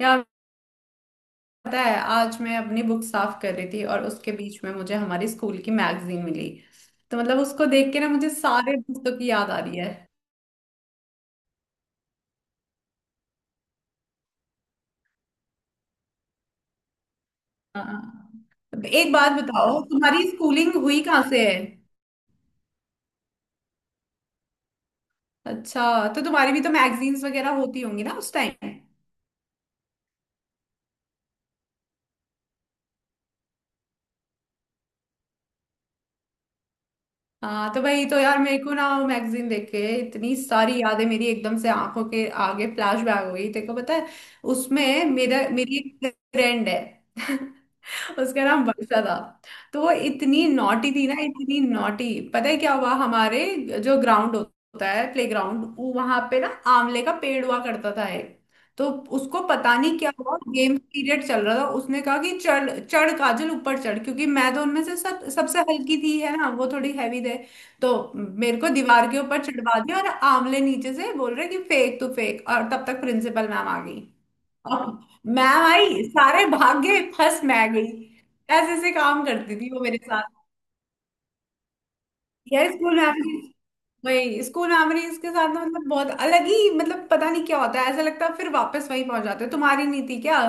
यार, पता है आज मैं अपनी बुक साफ कर रही थी और उसके बीच में मुझे हमारी स्कूल की मैगजीन मिली। तो मतलब उसको देख के ना मुझे सारे दोस्तों की याद आ रही है। हाँ, एक बात बताओ तुम्हारी स्कूलिंग हुई कहाँ से है। अच्छा, तो तुम्हारी भी तो मैगजीन्स वगैरह होती होंगी ना उस टाइम। हाँ तो भाई, तो यार मेरे को ना वो मैगजीन देख के इतनी सारी यादें मेरी एकदम से आंखों के आगे फ्लैश बैक हो गई, तेरे को पता है। उसमें मेरा मेरी एक फ्रेंड है। उसका नाम वर्षा था। तो वो इतनी नॉटी थी ना, इतनी नॉटी, पता है क्या हुआ हमारे जो ग्राउंड होता है प्ले ग्राउंड वहां पे ना आंवले का पेड़ हुआ करता था। तो उसको पता नहीं क्या हुआ, गेम पीरियड चल रहा था, उसने कहा कि चढ़ चढ़ काजल ऊपर चढ़, क्योंकि मैं तो उनमें से सब सबसे हल्की थी, है ना, वो थोड़ी हैवी थे। तो मेरे को दीवार के ऊपर चढ़वा दिया और आंवले नीचे से बोल रहे कि फेंक तू फेंक, और तब तक प्रिंसिपल मैम आ गई। और मैम आई, सारे भाग गए, फंस मैं गई। ऐसे ऐसे काम करती थी वो मेरे साथ। यार स्कूल मेमोरीज, वही स्कूल मेमोरीज के साथ ना, मतलब बहुत अलग ही, मतलब पता नहीं क्या होता है, ऐसा लगता है फिर वापस वहीं पहुंच जाते हो। तुम्हारी नहीं थी क्या।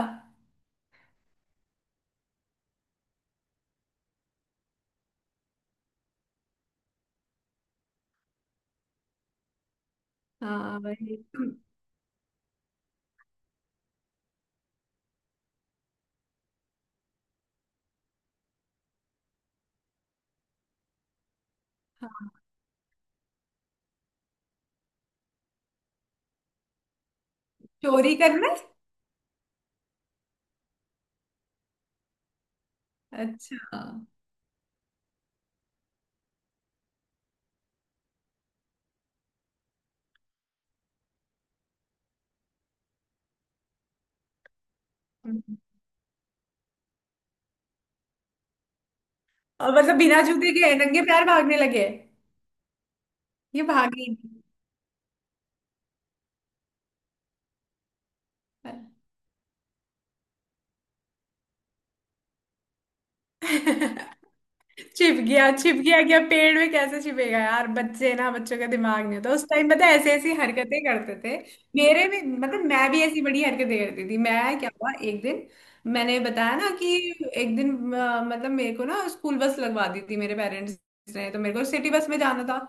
हाँ वही। चोरी करना। अच्छा। हम्म। और मतलब बिना जूते के नंगे पैर भागने लगे। ये भागे ही नहीं। छिप गया, छिप गया क्या पेड़ में, कैसे छिपेगा यार। बच्चे ना, बच्चों का दिमाग नहीं होता उस टाइम, पता है ऐसे ऐसी हरकतें करते थे। मेरे भी मतलब, मैं भी ऐसी बड़ी हरकतें करती थी मैं। क्या हुआ एक दिन, मैंने बताया ना कि एक दिन मतलब मेरे को ना स्कूल बस लगवा दी थी मेरे पेरेंट्स ने, तो मेरे को सिटी बस में जाना था।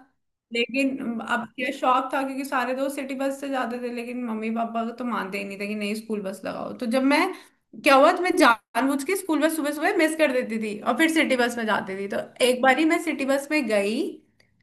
लेकिन अब क्या शौक था क्योंकि सारे दोस्त सिटी बस से जाते थे, लेकिन मम्मी पापा तो मानते ही नहीं थे कि नहीं, स्कूल बस लगाओ। तो जब मैं क्या हुआ, तो मैं जानबूझ के स्कूल बस सुबह सुबह मिस कर देती थी और फिर सिटी बस में जाती थी। तो एक बारी मैं सिटी बस में गई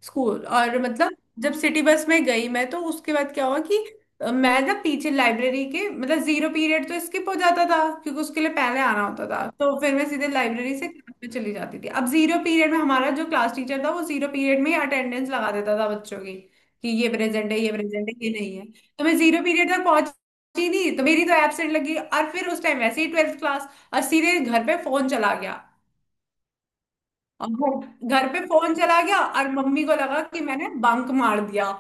स्कूल, और मतलब जब सिटी बस में गई मैं तो उसके बाद क्या हुआ कि मैं ना पीछे लाइब्रेरी के, मतलब जीरो पीरियड तो स्किप हो जाता था क्योंकि उसके लिए पहले आना होता था, तो फिर मैं सीधे लाइब्रेरी से क्लास में चली जाती थी। अब जीरो पीरियड में हमारा जो क्लास टीचर था वो जीरो पीरियड में ही अटेंडेंस लगा देता था बच्चों की कि ये प्रेजेंट है, ये प्रेजेंट है, ये नहीं है। तो मैं जीरो पीरियड तक पहुंची नहीं, तो मेरी तो एब्सेंट लगी। और फिर उस टाइम वैसे ही ट्वेल्थ क्लास, और सीधे घर पे फोन चला गया। और घर घर पे फोन चला गया और मम्मी को लगा कि मैंने बंक मार दिया।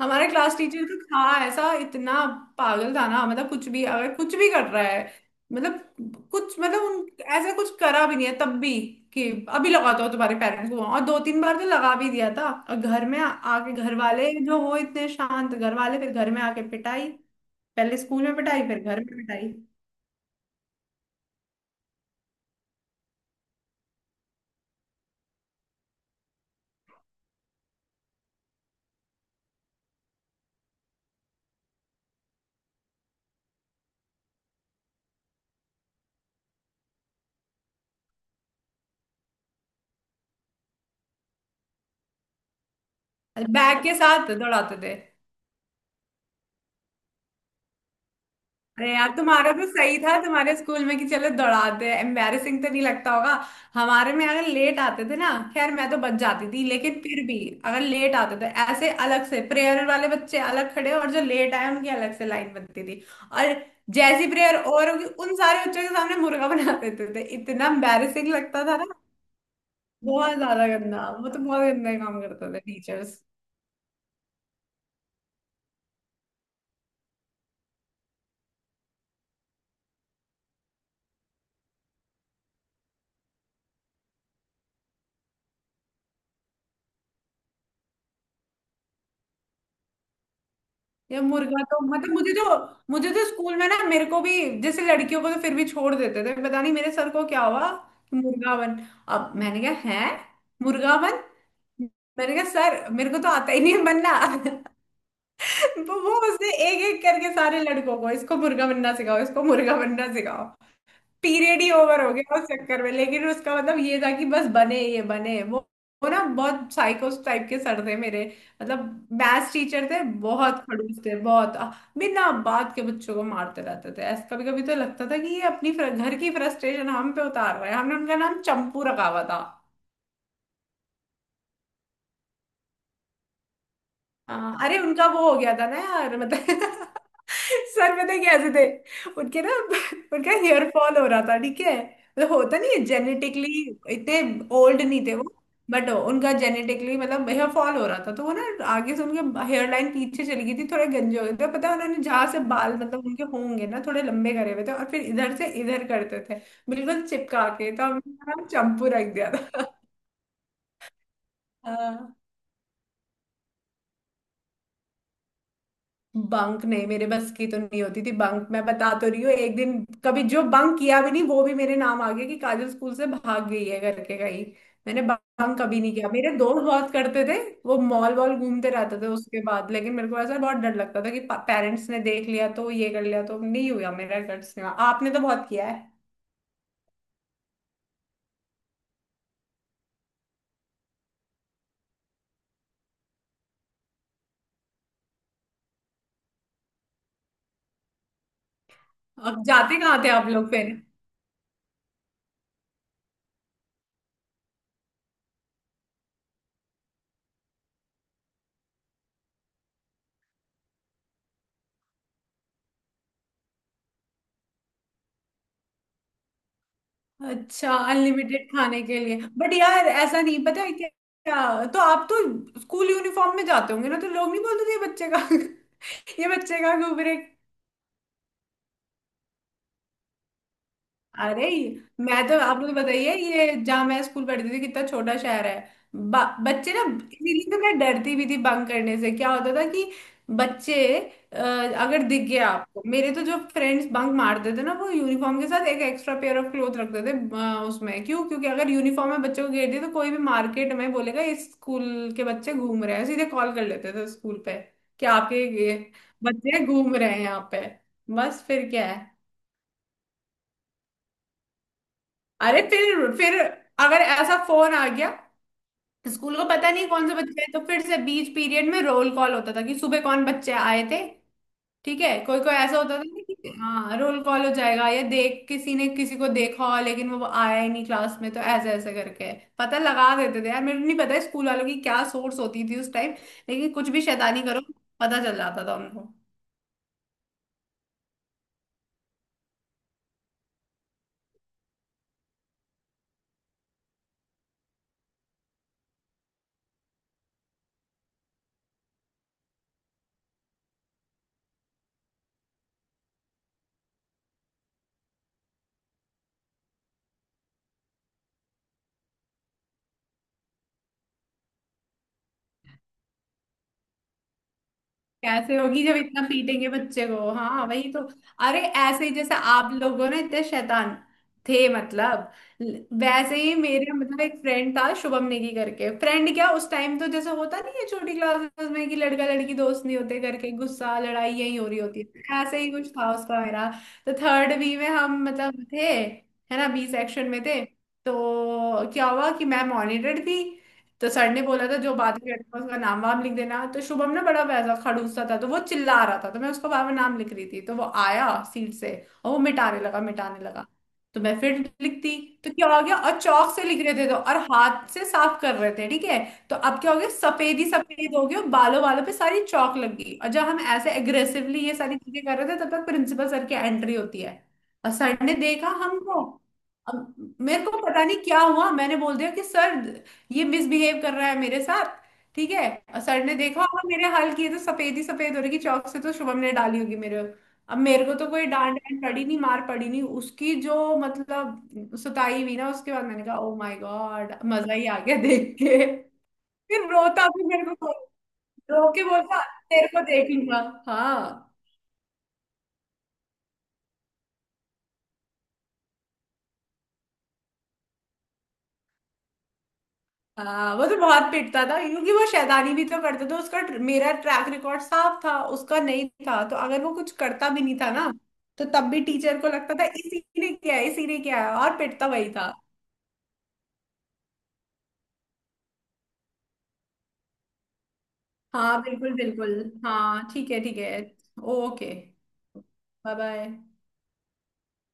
हमारे क्लास टीचर तो था ऐसा, इतना पागल था ना, मतलब कुछ भी, अगर कुछ भी कर रहा है, मतलब कुछ, मतलब उन ऐसा कुछ करा भी नहीं है तब भी, कि अभी लगाता हो तुम्हारे पेरेंट्स को। और दो तीन बार तो लगा भी दिया था। और घर में आके घर वाले जो हो, इतने शांत घर वाले, फिर घर में आके पिटाई, पहले स्कूल में पिटाई फिर घर में पिटाई। बैग के साथ दौड़ाते थे। अरे यार, तुम्हारा तो सही था तुम्हारे स्कूल में कि चलो दौड़ाते हैं, एम्बैरेसिंग तो नहीं लगता होगा। हमारे में अगर लेट आते थे ना, खैर मैं तो बच जाती थी लेकिन फिर भी, अगर लेट आते थे ऐसे, अलग से प्रेयर वाले बच्चे अलग खड़े, और जो लेट आए उनकी अलग से लाइन बनती थी। और जैसी प्रेयर और होगी उन सारे बच्चों के सामने मुर्गा बना देते थे, इतना एम्बैरेसिंग लगता था ना, बहुत ज्यादा गंदा। वो तो बहुत गंदा काम करते थे टीचर्स। या मुर्गा तो मतलब, मुझे तो, मुझे तो स्कूल में ना मेरे को भी, जैसे लड़कियों को तो फिर भी छोड़ देते थे, पता नहीं मेरे सर को क्या हुआ कि मुर्गा बन। अब मैंने कहा है, मुर्गा बन, मैंने कहा सर मेरे को तो आता ही नहीं है बनना। वो उसने एक एक करके सारे लड़कों को, इसको मुर्गा बनना सिखाओ, इसको मुर्गा बनना सिखाओ। पीरियड ही ओवर हो गया उस चक्कर में, लेकिन उसका मतलब ये था कि बस बने ये बने वो। वो ना बहुत साइकोस टाइप के सर थे मेरे, मतलब मैथ्स टीचर थे, बहुत खड़ूस थे, बहुत बिना बात के बच्चों को मारते रहते थे। ऐसा कभी कभी तो लगता था कि ये अपनी घर की फ्रस्ट्रेशन हम पे उतार रहे हैं। हमने उनका नाम चंपू रखा हुआ था। हाँ, अरे उनका वो हो गया था ना यार, मतलब सर पता है कैसे थे उनके ना, उनका हेयर फॉल हो रहा था, ठीक है, मतलब होता नहीं है जेनेटिकली, इतने ओल्ड नहीं थे वो। बट उनका जेनेटिकली मतलब हेयर फॉल हो रहा था, तो वो ना आगे से उनके हेयर लाइन पीछे चली गई थी, थोड़े गंजे हो गए थे, पता है उन्होंने जहाँ से बाल, मतलब उनके होंगे ना थोड़े लंबे, करे हुए थे और फिर इधर से इधर करते थे बिल्कुल चिपका के, तो हमने ना चंपू रख दिया था। हाँ। बंक नहीं, मेरे बस की तो नहीं होती थी बंक। मैं बता तो रही हूँ, एक दिन कभी जो बंक किया भी नहीं वो भी मेरे नाम आ गया कि काजल स्कूल से भाग गई है करके कहीं। मैंने बंक कभी नहीं किया, मेरे दोस्त बहुत करते थे, वो मॉल वॉल घूमते रहते थे उसके बाद, लेकिन मेरे को ऐसा बहुत डर लगता था कि पेरेंट्स ने देख लिया तो ये कर लिया, तो नहीं हुआ मेरा। कर आपने तो बहुत किया है। अब जाते कहाँ थे आप लोग फिर। अच्छा अनलिमिटेड खाने के लिए, बट यार ऐसा नहीं, पता है क्या, तो आप तो स्कूल यूनिफॉर्म में जाते होंगे ना, तो लोग नहीं बोलते थे ये बच्चे का, ये बच्चे का घूम रहे। अरे मैं, तो आप लोग बताइए, ये जहाँ मैं स्कूल पढ़ती थी कितना छोटा शहर है। बच्चे ना, इसीलिए तो मैं डरती भी थी बंक करने से। क्या होता था कि बच्चे अ, अगर दिख गया आपको मेरे, तो जो फ्रेंड्स बंक मारते थे ना वो यूनिफॉर्म के साथ एक एक्स्ट्रा पेयर ऑफ क्लोथ रखते थे। उसमें क्यों, क्योंकि अगर यूनिफॉर्म में बच्चों को घेर दिया, तो कोई भी मार्केट में बोलेगा इस स्कूल के बच्चे घूम रहे हैं, सीधे कॉल कर लेते थे स्कूल पे कि आपके ये बच्चे घूम रहे हैं यहाँ पे। बस फिर क्या है। अरे फिर अगर ऐसा फोन आ गया स्कूल को, पता नहीं कौन से बच्चे आए, तो फिर से बीच पीरियड में रोल कॉल होता था कि सुबह कौन बच्चे आए थे। ठीक है, कोई कोई ऐसा होता था ना कि हाँ रोल कॉल हो जाएगा, या देख किसी ने किसी को देखा, लेकिन वो आया ही नहीं क्लास में, तो ऐसे ऐसे करके पता लगा देते थे। यार मेरे को नहीं पता स्कूल वालों की क्या सोर्स होती थी उस टाइम, लेकिन कुछ भी शैतानी करो पता चल जाता था उनको। कैसे होगी जब इतना पीटेंगे बच्चे को, हाँ वही तो। अरे ऐसे ही, जैसे आप लोगों ने, इतने शैतान थे मतलब, वैसे ही मेरे, मतलब एक फ्रेंड था शुभम नेगी करके, फ्रेंड क्या, उस टाइम तो जैसे होता नहीं है छोटी क्लासेस में कि लड़का लड़की दोस्त नहीं होते करके, गुस्सा लड़ाई यही हो रही होती है, ऐसे ही कुछ था उसका मेरा। तो थर्ड बी में हम मतलब थे, है ना, बी सेक्शन में थे। तो क्या हुआ कि मैं मॉनिटर थी, तो सर ने बोला था जो बात कर रहा था उसका नाम वाम लिख देना। तो शुभम ना बड़ा वैसा खड़ूसा था, तो वो चिल्ला रहा था, तो मैं उसका बाबा नाम लिख रही थी, तो वो आया सीट से और वो मिटाने लगा, मिटाने लगा। तो मैं फिर लिखती। तो क्या हो गया, और चौक से लिख रहे थे तो, और हाथ से साफ कर रहे थे, ठीक है। तो अब क्या हो गया, सफेद ही सफेद हो गया, बालों वालों पे सारी चौक लग गई, और जब हम ऐसे एग्रेसिवली ये सारी चीजें कर रहे थे तब तक प्रिंसिपल सर की एंट्री होती है। और सर ने देखा हमको। अब मेरे को पता नहीं क्या हुआ, मैंने बोल दिया कि सर ये मिसबिहेव कर रहा है मेरे साथ, ठीक है। और सर ने देखा होगा मेरे हाल किए, तो सफेद ही सफेद हो रही कि चौक से, तो शुभम ने डाली होगी मेरे। अब मेरे को तो कोई डांट, डांट पड़ी नहीं मार पड़ी नहीं, उसकी जो मतलब सुताई हुई ना, उसके बाद मैंने कहा ओ माय गॉड मजा ही आ गया देख के। फिर रोता भी मेरे को, रो के बोलता तेरे को देख लूंगा। हाँ। हाँ वो तो बहुत पिटता था क्योंकि वो शैतानी भी तो करता था। उसका मेरा ट्रैक रिकॉर्ड साफ था, उसका नहीं था, तो अगर वो कुछ करता भी नहीं था ना, तो तब भी टीचर को लगता था इसी ने क्या है, इसी ने क्या है, और पिटता वही था। हाँ बिल्कुल बिल्कुल। हाँ ठीक है ठीक है। Okay bye. बाय